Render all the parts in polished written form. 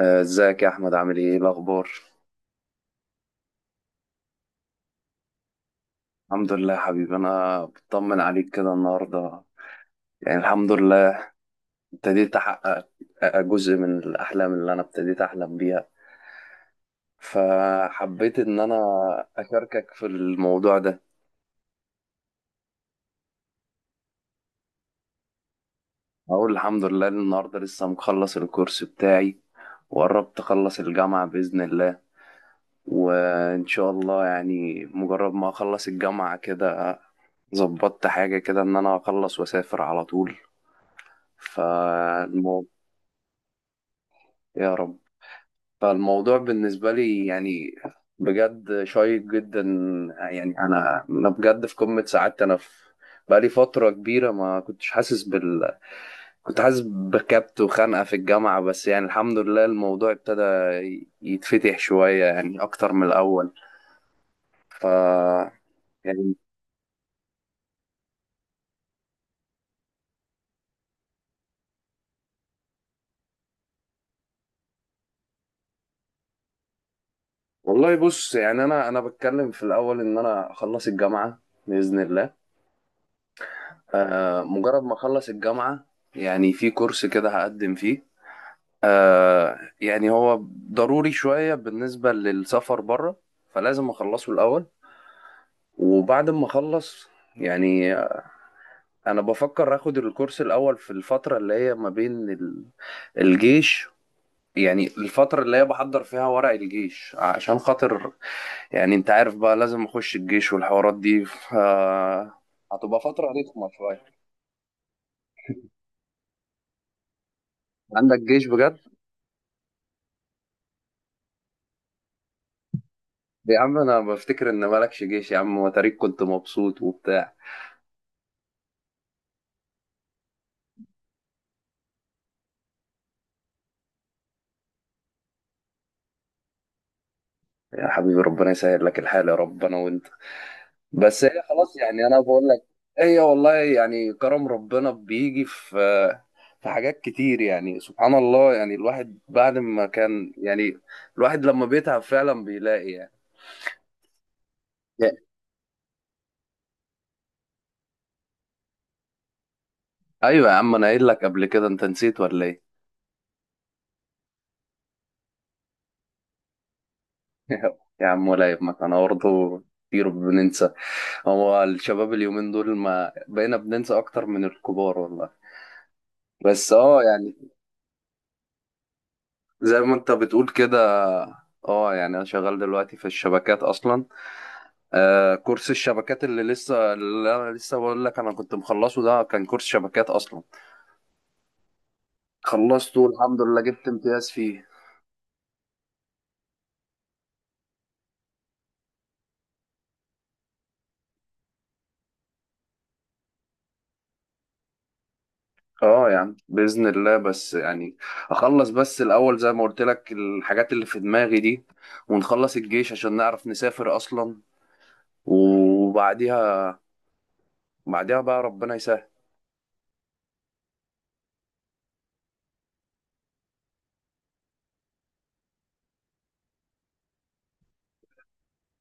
آه، ازيك يا احمد؟ عامل ايه؟ إيه الاخبار؟ الحمد لله يا حبيبي، انا بطمن عليك كده النهارده. يعني الحمد لله، ابتديت احقق جزء من الاحلام اللي انا ابتديت احلم بيها. فحبيت ان انا اشاركك في الموضوع ده. اقول الحمد لله إن النهارده لسه مخلص الكورس بتاعي، وقربت اخلص الجامعة باذن الله. وان شاء الله، يعني مجرد ما اخلص الجامعة كده ظبطت حاجة كده إن أنا أخلص وأسافر على طول. فالموضوع يا رب. فالموضوع بالنسبة لي، يعني بجد شيق جدا. يعني أنا بجد في قمة سعادتي. أنا في بقالي فترة كبيرة ما كنتش حاسس كنت حاسس بكبت وخنقة في الجامعة، بس يعني الحمد لله الموضوع ابتدى يتفتح شوية، يعني أكتر من الأول. ف يعني والله بص، يعني أنا بتكلم في الأول إن أنا أخلص الجامعة بإذن الله. مجرد ما أخلص الجامعة يعني في كورس كده هقدم فيه. يعني هو ضروري شوية بالنسبة للسفر بره، فلازم أخلصه الأول. وبعد ما أخلص يعني أنا بفكر آخد الكورس الأول في الفترة اللي هي ما بين الجيش. يعني الفترة اللي هي بحضر فيها ورق الجيش عشان خاطر، يعني أنت عارف بقى لازم أخش الجيش والحوارات دي. هتبقى فترة رخمة شوية. عندك جيش بجد؟ عم أنا بفتكر إن مالكش جيش يا عم وتاريخ كنت مبسوط وبتاع. يا حبيبي ربنا يسهل لك الحال يا رب، انا وانت. بس هي خلاص، يعني انا بقول لك هي والله يعني كرم ربنا بيجي في حاجات كتير، يعني سبحان الله. يعني الواحد بعد ما كان يعني الواحد لما بيتعب فعلا بيلاقي يعني. يا- ايوه يا عم، انا قايل لك قبل كده، انت نسيت ولا ايه؟ يا عم ولا يهمك، انا برضه كتير بننسى. هو الشباب اليومين دول ما بقينا بننسى اكتر من الكبار والله. بس يعني زي ما انت بتقول كده، اه يعني انا شغال دلوقتي في الشبكات اصلا. آه، كورس الشبكات اللي انا لسه بقول لك انا كنت مخلصه، ده كان كورس شبكات اصلا. خلصته الحمد لله، جبت امتياز فيه. اه يعني باذن الله، بس يعني اخلص بس الاول زي ما قلت لك الحاجات اللي في دماغي دي، ونخلص الجيش عشان نعرف نسافر اصلا. وبعديها، بقى ربنا يسهل.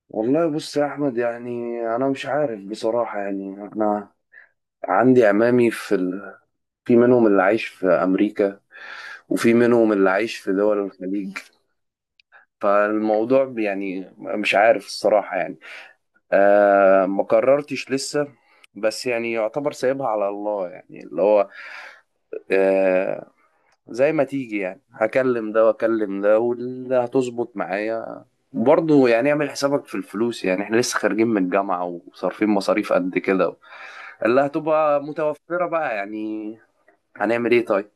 والله بص يا احمد، يعني انا مش عارف بصراحة يعني انا. عندي عمامي في منهم اللي عايش في أمريكا، وفي منهم اللي عايش في دول الخليج. فالموضوع يعني مش عارف الصراحة يعني. ما قررتش لسه. بس يعني يعتبر سايبها على الله، يعني اللي هو آه زي ما تيجي يعني، هكلم ده واكلم ده واللي هتظبط معايا. برضه يعني اعمل حسابك في الفلوس، يعني احنا لسه خارجين من الجامعة وصارفين مصاريف قد كده اللي هتبقى متوفرة بقى يعني. هنعمل ايه طيب؟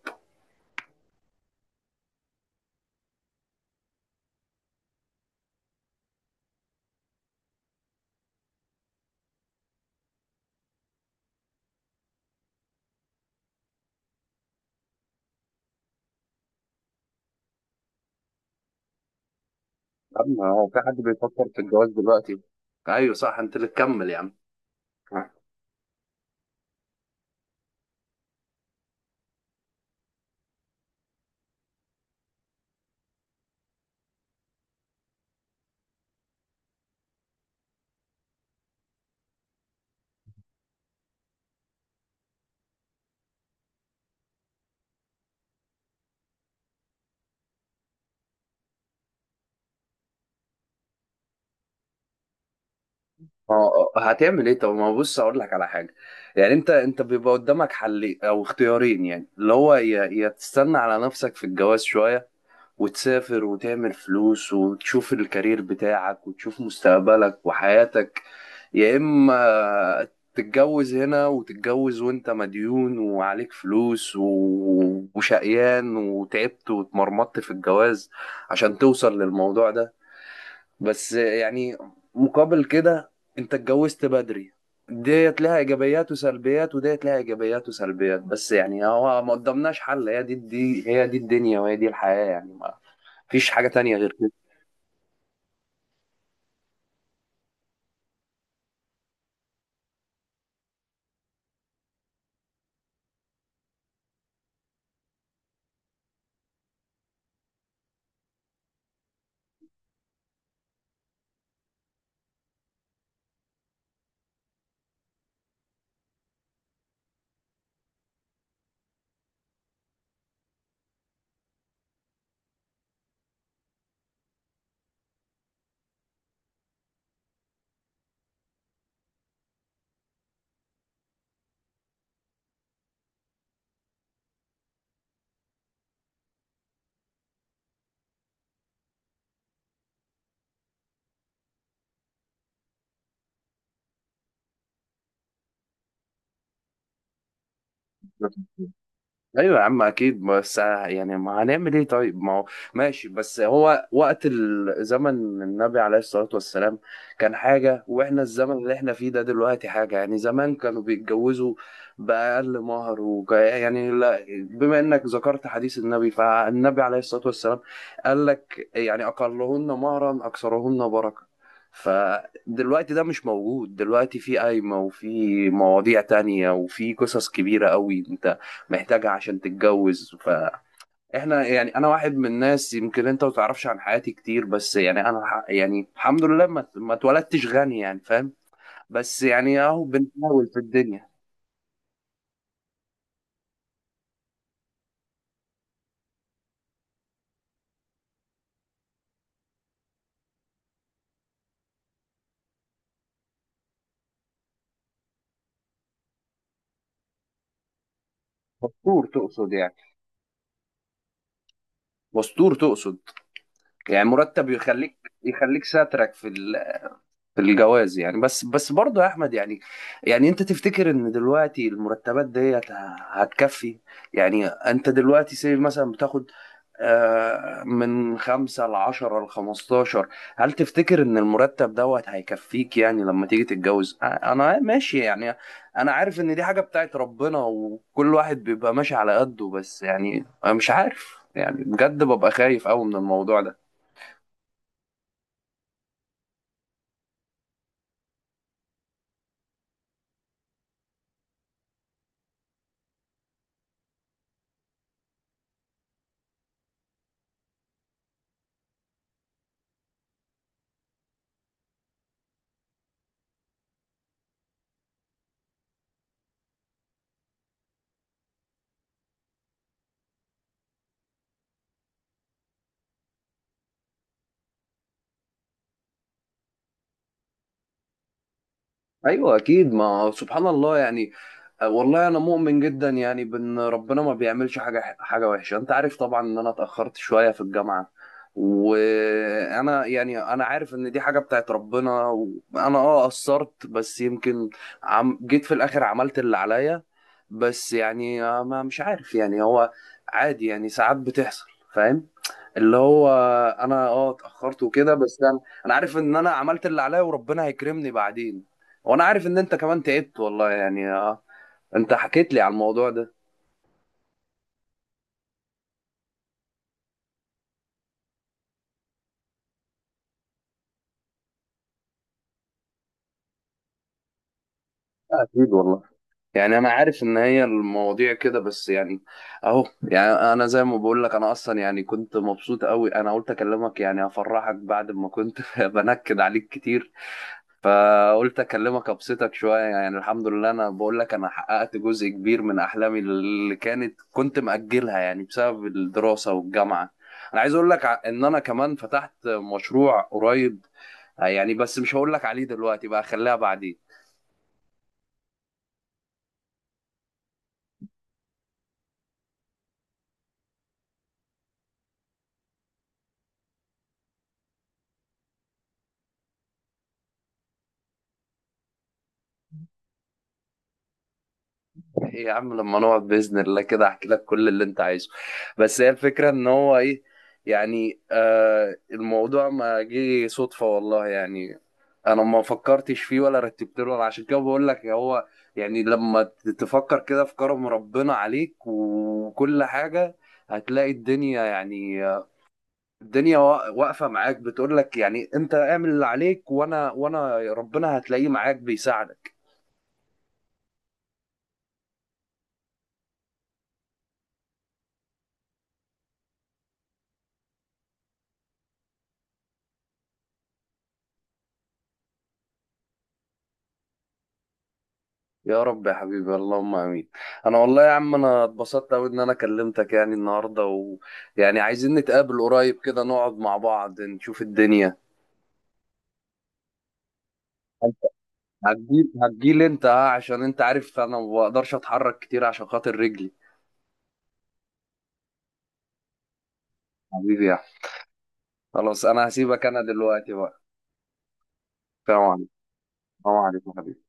يا عم هو في حد بيفكر في الجواز دلوقتي؟ ايوه صح، انت اللي تكمل يا عم. اه، اه. هتعمل ايه؟ طب ما بص اقول لك على حاجه. يعني انت بيبقى قدامك حل او اختيارين، يعني اللي هو يا تستنى على نفسك في الجواز شويه وتسافر وتعمل فلوس وتشوف الكارير بتاعك وتشوف مستقبلك وحياتك، يا اما تتجوز هنا، وتتجوز وانت مديون وعليك فلوس وشقيان وتعبت واتمرمطت في الجواز عشان توصل للموضوع ده. بس يعني مقابل كده انت اتجوزت بدري. ديت لها ايجابيات وسلبيات وديت لها ايجابيات وسلبيات، بس يعني هو ما قدامناش حل، دي هي دي الدنيا، وهي دي الحياة، يعني ما فيش حاجة تانية غير كده. ايوه يا عم اكيد، بس يعني ما هنعمل ايه طيب، ما هو ماشي. بس هو وقت زمن النبي عليه الصلاه والسلام كان حاجه، واحنا الزمن اللي احنا فيه ده دلوقتي حاجه. يعني زمان كانوا بيتجوزوا باقل مهر يعني لا، بما انك ذكرت حديث النبي، فالنبي عليه الصلاه والسلام قال لك يعني اقلهن مهرا اكثرهن بركه. فدلوقتي ده مش موجود، دلوقتي في قايمة وفي مواضيع تانية وفي قصص كبيرة قوي محتاجها عشان تتجوز. فاحنا يعني انا واحد من الناس يمكن انت ما تعرفش عن حياتي كتير. بس يعني انا يعني الحمد لله ما اتولدتش غني، يعني فاهم. بس يعني اهو بنحاول في الدنيا. مستور تقصد يعني؟ مستور تقصد؟ يعني مرتب يخليك ساترك في الجواز يعني. بس بس برضه يا احمد، يعني انت تفتكر ان دلوقتي المرتبات ديت هتكفي؟ يعني انت دلوقتي سيب مثلا بتاخد من خمسة ل10 ل15. هل تفتكر ان المرتب دوت هيكفيك يعني لما تيجي تتجوز؟ انا ماشي يعني، انا عارف ان دي حاجة بتاعت ربنا وكل واحد بيبقى ماشي على قده، بس يعني أنا مش عارف، يعني بجد ببقى خايف قوي من الموضوع. ايوه اكيد، ما سبحان الله يعني. آه، والله انا مؤمن جدا يعني بان ربنا ما بيعملش حاجه حاجه وحشه. انت عارف طبعا ان انا اتاخرت شويه في الجامعه، وانا يعني انا عارف ان دي حاجه بتاعت ربنا وانا قصرت، بس يمكن عم جيت في الاخر عملت اللي عليا. بس يعني ما مش عارف يعني، هو عادي يعني ساعات بتحصل، فاهم، اللي هو انا اتاخرت وكده، بس انا عارف ان انا عملت اللي عليا وربنا هيكرمني بعدين. وانا عارف ان انت كمان تعبت والله يعني. انت حكيت لي على الموضوع ده. آه، اكيد والله. يعني انا عارف ان هي المواضيع كده، بس يعني اهو. يعني انا زي ما بقول لك، انا اصلا يعني كنت مبسوط قوي، انا قلت اكلمك يعني افرحك بعد ما كنت بنكد عليك كتير. فقلت اكلمك ابسطك شويه يعني. الحمد لله، انا بقول لك انا حققت جزء كبير من احلامي اللي كنت مأجلها يعني بسبب الدراسه والجامعه. انا عايز اقول لك ان انا كمان فتحت مشروع قريب. يعني بس مش هقول لك عليه دلوقتي بقى، خليها بعدين. ايه يا عم، لما نقعد باذن الله كده احكي لك كل اللي انت عايزه. بس هي الفكره ان هو ايه؟ يعني آه، الموضوع ما جه صدفه والله يعني. انا ما فكرتش فيه ولا رتبت له أنا، عشان كده بقول لك. هو يعني لما تفكر كده في كرم ربنا عليك وكل حاجه، هتلاقي الدنيا يعني الدنيا واقفه معاك، بتقول لك يعني انت اعمل اللي عليك، وانا وانا ربنا هتلاقيه معاك بيساعدك. يا رب يا حبيبي، اللهم امين. انا والله يا عم، انا اتبسطت قوي ان انا كلمتك يعني النهارده. ويعني عايزين نتقابل قريب كده نقعد مع بعض نشوف الدنيا. هتجيل هتجيل انت، ها؟ عشان انت عارف انا ما بقدرش اتحرك كتير عشان خاطر رجلي. حبيبي يا أحمد. خلاص، انا هسيبك انا دلوقتي بقى. سلام عليكم. سلام عليكم حبيبي.